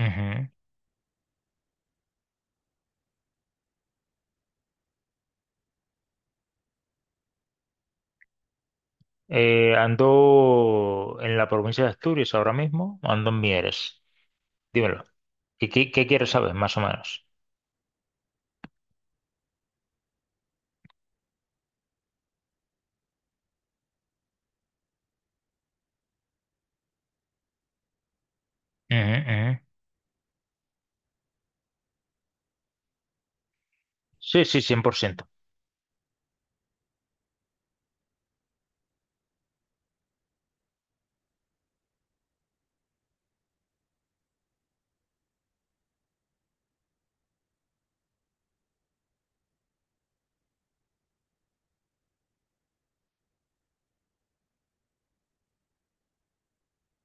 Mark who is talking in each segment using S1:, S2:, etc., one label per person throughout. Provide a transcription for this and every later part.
S1: Ujú. Ando en la provincia de Asturias ahora mismo, ando en Mieres. Dímelo. ¿Qué quieres saber, más o menos? Ujú, ujú. Sí, sí, 100%.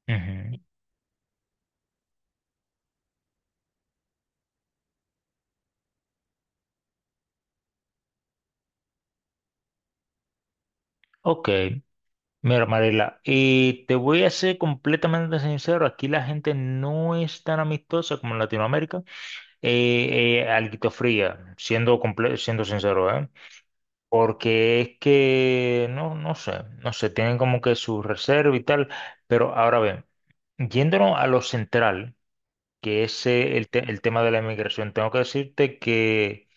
S1: Ujú. Ok, mira, Mariela, y te voy a ser completamente sincero, aquí la gente no es tan amistosa como en Latinoamérica, alguito fría, siendo, siendo sincero, ¿eh? Porque es que, no, no sé, tienen como que su reserva y tal, pero ahora bien. Yéndonos a lo central, que es el tema de la inmigración, tengo que decirte que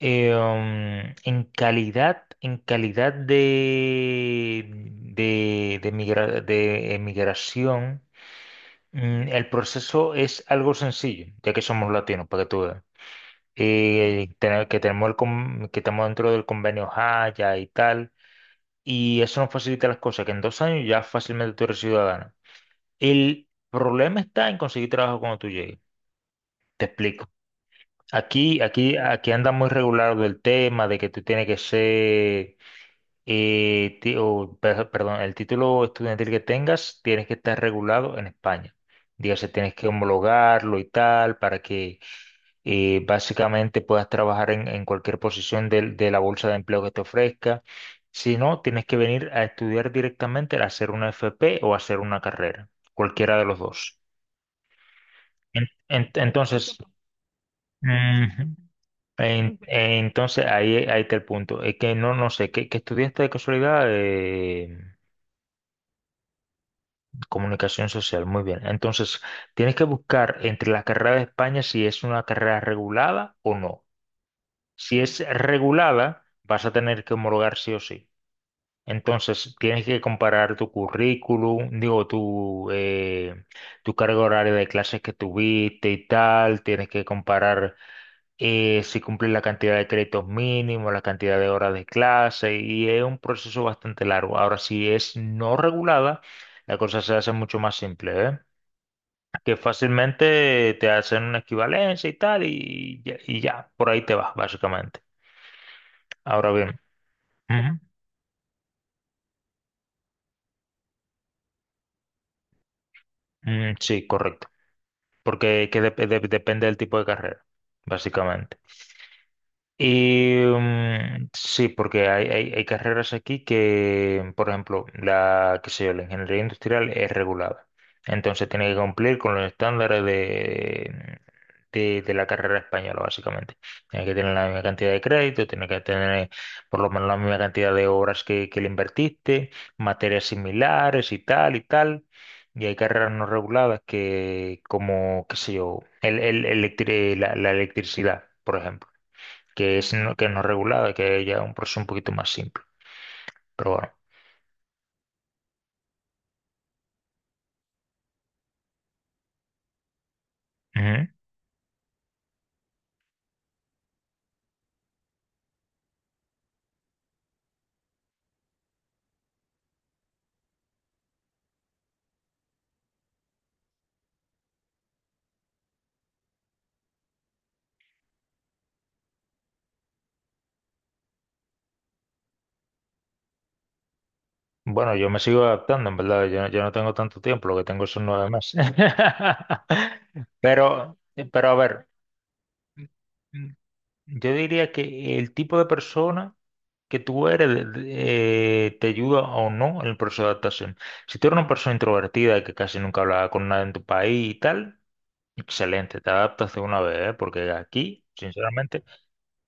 S1: en calidad de, de emigración. El proceso es algo sencillo, ya que somos latinos, para que tú veas. Que tenemos que estamos dentro del convenio Haya y tal, y eso nos facilita las cosas, que en 2 años ya fácilmente tú eres ciudadano. El problema está en conseguir trabajo cuando tú llegues. Te explico. Aquí anda muy regular del tema de que tú tienes que ser, perdón, el título estudiantil que tengas, tienes que estar regulado en España. Dígase, tienes que homologarlo y tal para que básicamente puedas trabajar en cualquier posición de la bolsa de empleo que te ofrezca. Si no, tienes que venir a estudiar directamente, a hacer una FP o a hacer una carrera, cualquiera de los dos. Entonces... Ujú. Entonces, ahí está el punto. Es que no sé, que estudiaste de casualidad comunicación social. Muy bien. Entonces, tienes que buscar entre las carreras de España si es una carrera regulada o no. Si es regulada, vas a tener que homologar sí o sí. Entonces, tienes que comparar tu currículum, digo, tu carga horaria de clases que tuviste y tal. Tienes que comparar si cumplir la cantidad de créditos mínimos, la cantidad de horas de clase, y es un proceso bastante largo. Ahora, si es no regulada, la cosa se hace mucho más simple, ¿eh? Que fácilmente te hacen una equivalencia y tal, y ya, por ahí te vas, básicamente. Ahora bien, ujú. Sí, correcto, porque depende del tipo de carrera, básicamente. Y sí, porque hay carreras aquí que, por ejemplo, la, qué sé yo, la ingeniería industrial es regulada. Entonces tiene que cumplir con los estándares de, de la carrera española, básicamente. Tiene que tener la misma cantidad de crédito, tiene que tener por lo menos la misma cantidad de horas que le invertiste, materias similares y tal y tal. Y hay carreras no reguladas que, como, qué sé yo, el, electri- la la electricidad, por ejemplo que no regulada, que ya es un proceso un poquito más simple. Pero bueno. Ujú. Bueno, yo me sigo adaptando, en verdad. Yo no tengo tanto tiempo, lo que tengo son 9 meses. Pero, pero a ver, yo diría que el tipo de persona que tú eres te ayuda o no en el proceso de adaptación. Si tú eres una persona introvertida que casi nunca hablaba con nadie en tu país y tal, excelente, te adaptas de una vez, ¿eh? Porque aquí, sinceramente.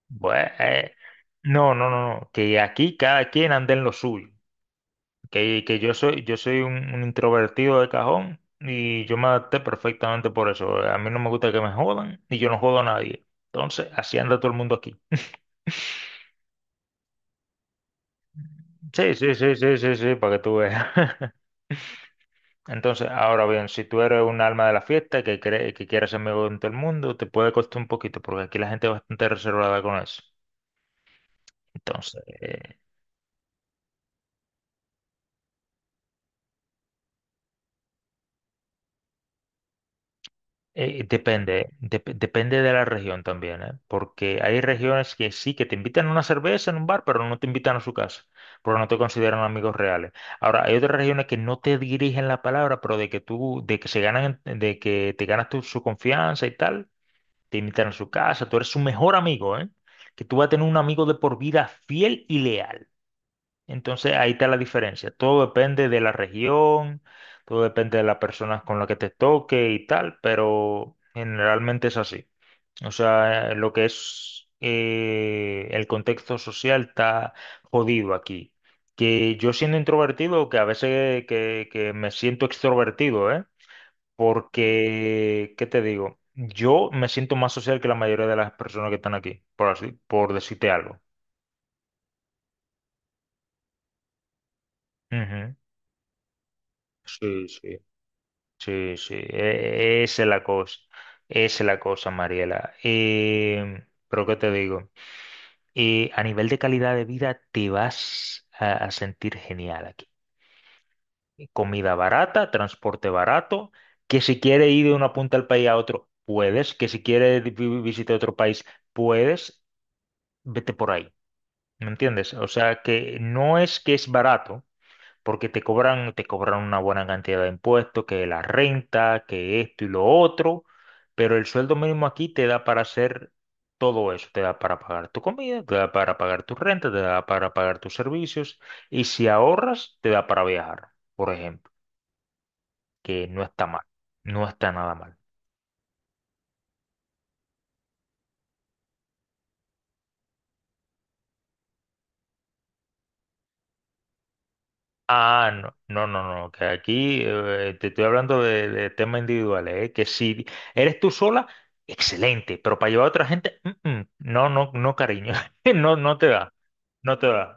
S1: Bueno, no, no, no, no, que aquí cada quien anda en lo suyo, que yo soy un introvertido de cajón y yo me adapté perfectamente por eso. A mí no me gusta que me jodan y yo no jodo a nadie. Entonces, así anda todo el mundo aquí. Sí, sí, sí, sí, sí, sí, para que tú veas. Entonces, ahora bien, si tú eres un alma de la fiesta que cree, que quiere ser amigo de todo el mundo, te puede costar un poquito, porque aquí la gente es bastante reservada con eso. Entonces. Depende de la región también, ¿eh? Porque hay regiones que sí, que te invitan a una cerveza en un bar, pero no te invitan a su casa, porque no te consideran amigos reales. Ahora, hay otras regiones que no te dirigen la palabra, pero de que tú, de que se ganan, de que te ganas tú su confianza y tal, te invitan a su casa, tú eres su mejor amigo, ¿eh? Que tú vas a tener un amigo de por vida fiel y leal. Entonces ahí está la diferencia. Todo depende de la región, todo depende de las personas con las que te toque y tal, pero generalmente es así. O sea, lo que es el contexto social está jodido aquí. Que yo siendo introvertido, que a veces que me siento extrovertido, ¿eh? Porque, ¿qué te digo? Yo me siento más social que la mayoría de las personas que están aquí, por así, por decirte algo. Ujú. Sí, sí. Sí, sí, esa es la cosa, esa es la cosa, Mariela. Pero ¿qué te digo? A nivel de calidad de vida te vas a sentir genial aquí. Comida barata, transporte barato, que si quieres ir de una punta del país a otro, puedes, que si quieres visitar otro país, puedes, vete por ahí, ¿me entiendes? O sea que no es que es barato. Porque te cobran una buena cantidad de impuestos, que la renta, que esto y lo otro, pero el sueldo mínimo aquí te da para hacer todo eso, te da para pagar tu comida, te da para pagar tu renta, te da para pagar tus servicios, y si ahorras, te da para viajar, por ejemplo, que no está mal, no está nada mal. Ah, no, no, no, no, que aquí te estoy hablando de temas individuales, ¿eh? Que si eres tú sola, excelente, pero para llevar a otra gente, no, no, no, cariño, no, no te da, no te da.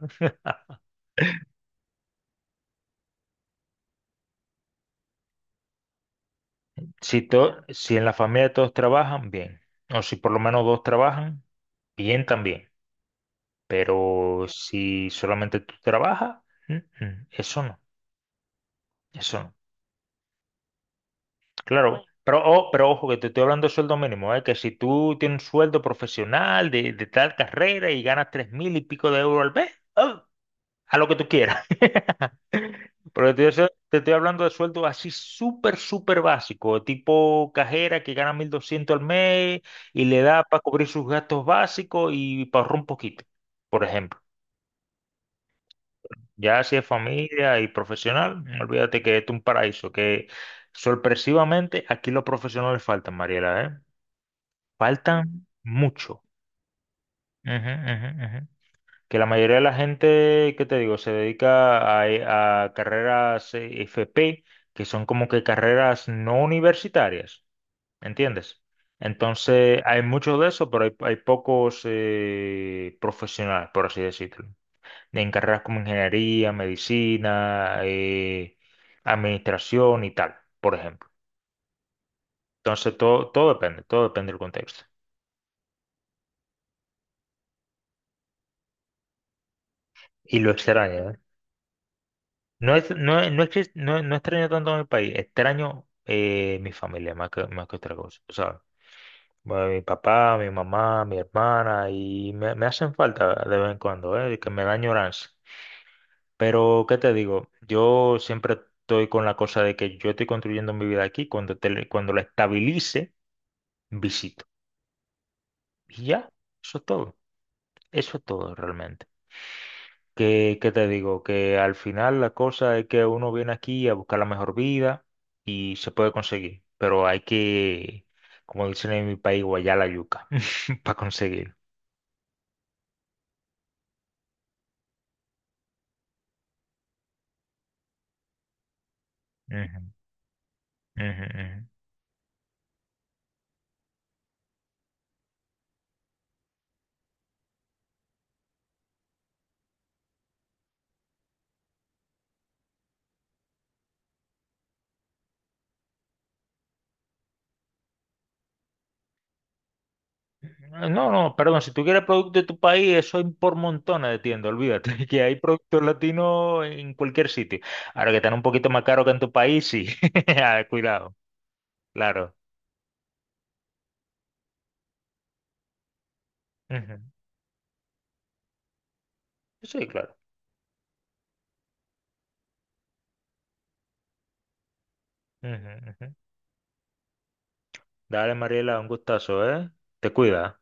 S1: Si en la familia todos trabajan, bien, o si por lo menos dos trabajan, bien también, pero si solamente tú trabajas, mm, eso no, eso no. Claro, pero ojo que te estoy hablando de sueldo mínimo, ¿eh? Que si tú tienes un sueldo profesional de tal carrera y ganas 3.000 y pico de euros al mes, ¡ah! A lo que tú quieras. Pero te estoy hablando de sueldo así súper, súper básico, tipo cajera que gana 1.200 al mes y le da para cubrir sus gastos básicos y para ahorrar un poquito, por ejemplo. Ya si es familia y profesional, olvídate que esto es un paraíso, que sorpresivamente aquí los profesionales faltan, Mariela, ¿eh? Faltan mucho. Ujú, ujú, ujú. Que la mayoría de la gente, ¿qué te digo? Se dedica a carreras FP, que son como que carreras no universitarias, ¿entiendes? Entonces, hay mucho de eso, pero hay pocos profesionales, por así decirlo. En carreras como ingeniería, medicina, administración y tal, por ejemplo. Entonces, todo depende del contexto. Y lo extraño, ¿eh? No, es, no, es- no, es que- no, no extraño tanto a mi país, extraño mi familia más que otra cosa. O sea, bueno, mi papá, mi mamá, mi hermana, y me hacen falta de vez en cuando, que me da añoranza. Pero, ¿qué te digo? Yo siempre estoy con la cosa de que yo estoy construyendo mi vida aquí, cuando la estabilice, visito. Y ya, eso es todo, eso es todo realmente. Que, ¿qué te digo? Que al final la cosa es que uno viene aquí a buscar la mejor vida y se puede conseguir, pero hay que, como dicen en mi país, guayar la yuca para conseguir. Ujú, ujú, ujú. No, no, perdón, si tú quieres producto de tu país, eso hay por montones de tiendas, olvídate, que hay productos latinos en cualquier sitio. Ahora que están un poquito más caros que en tu país, sí, ah, cuidado, claro. Ujú. Sí, claro. Ujú, ujú. Dale, Mariela, un gustazo, ¿eh? Te cuida.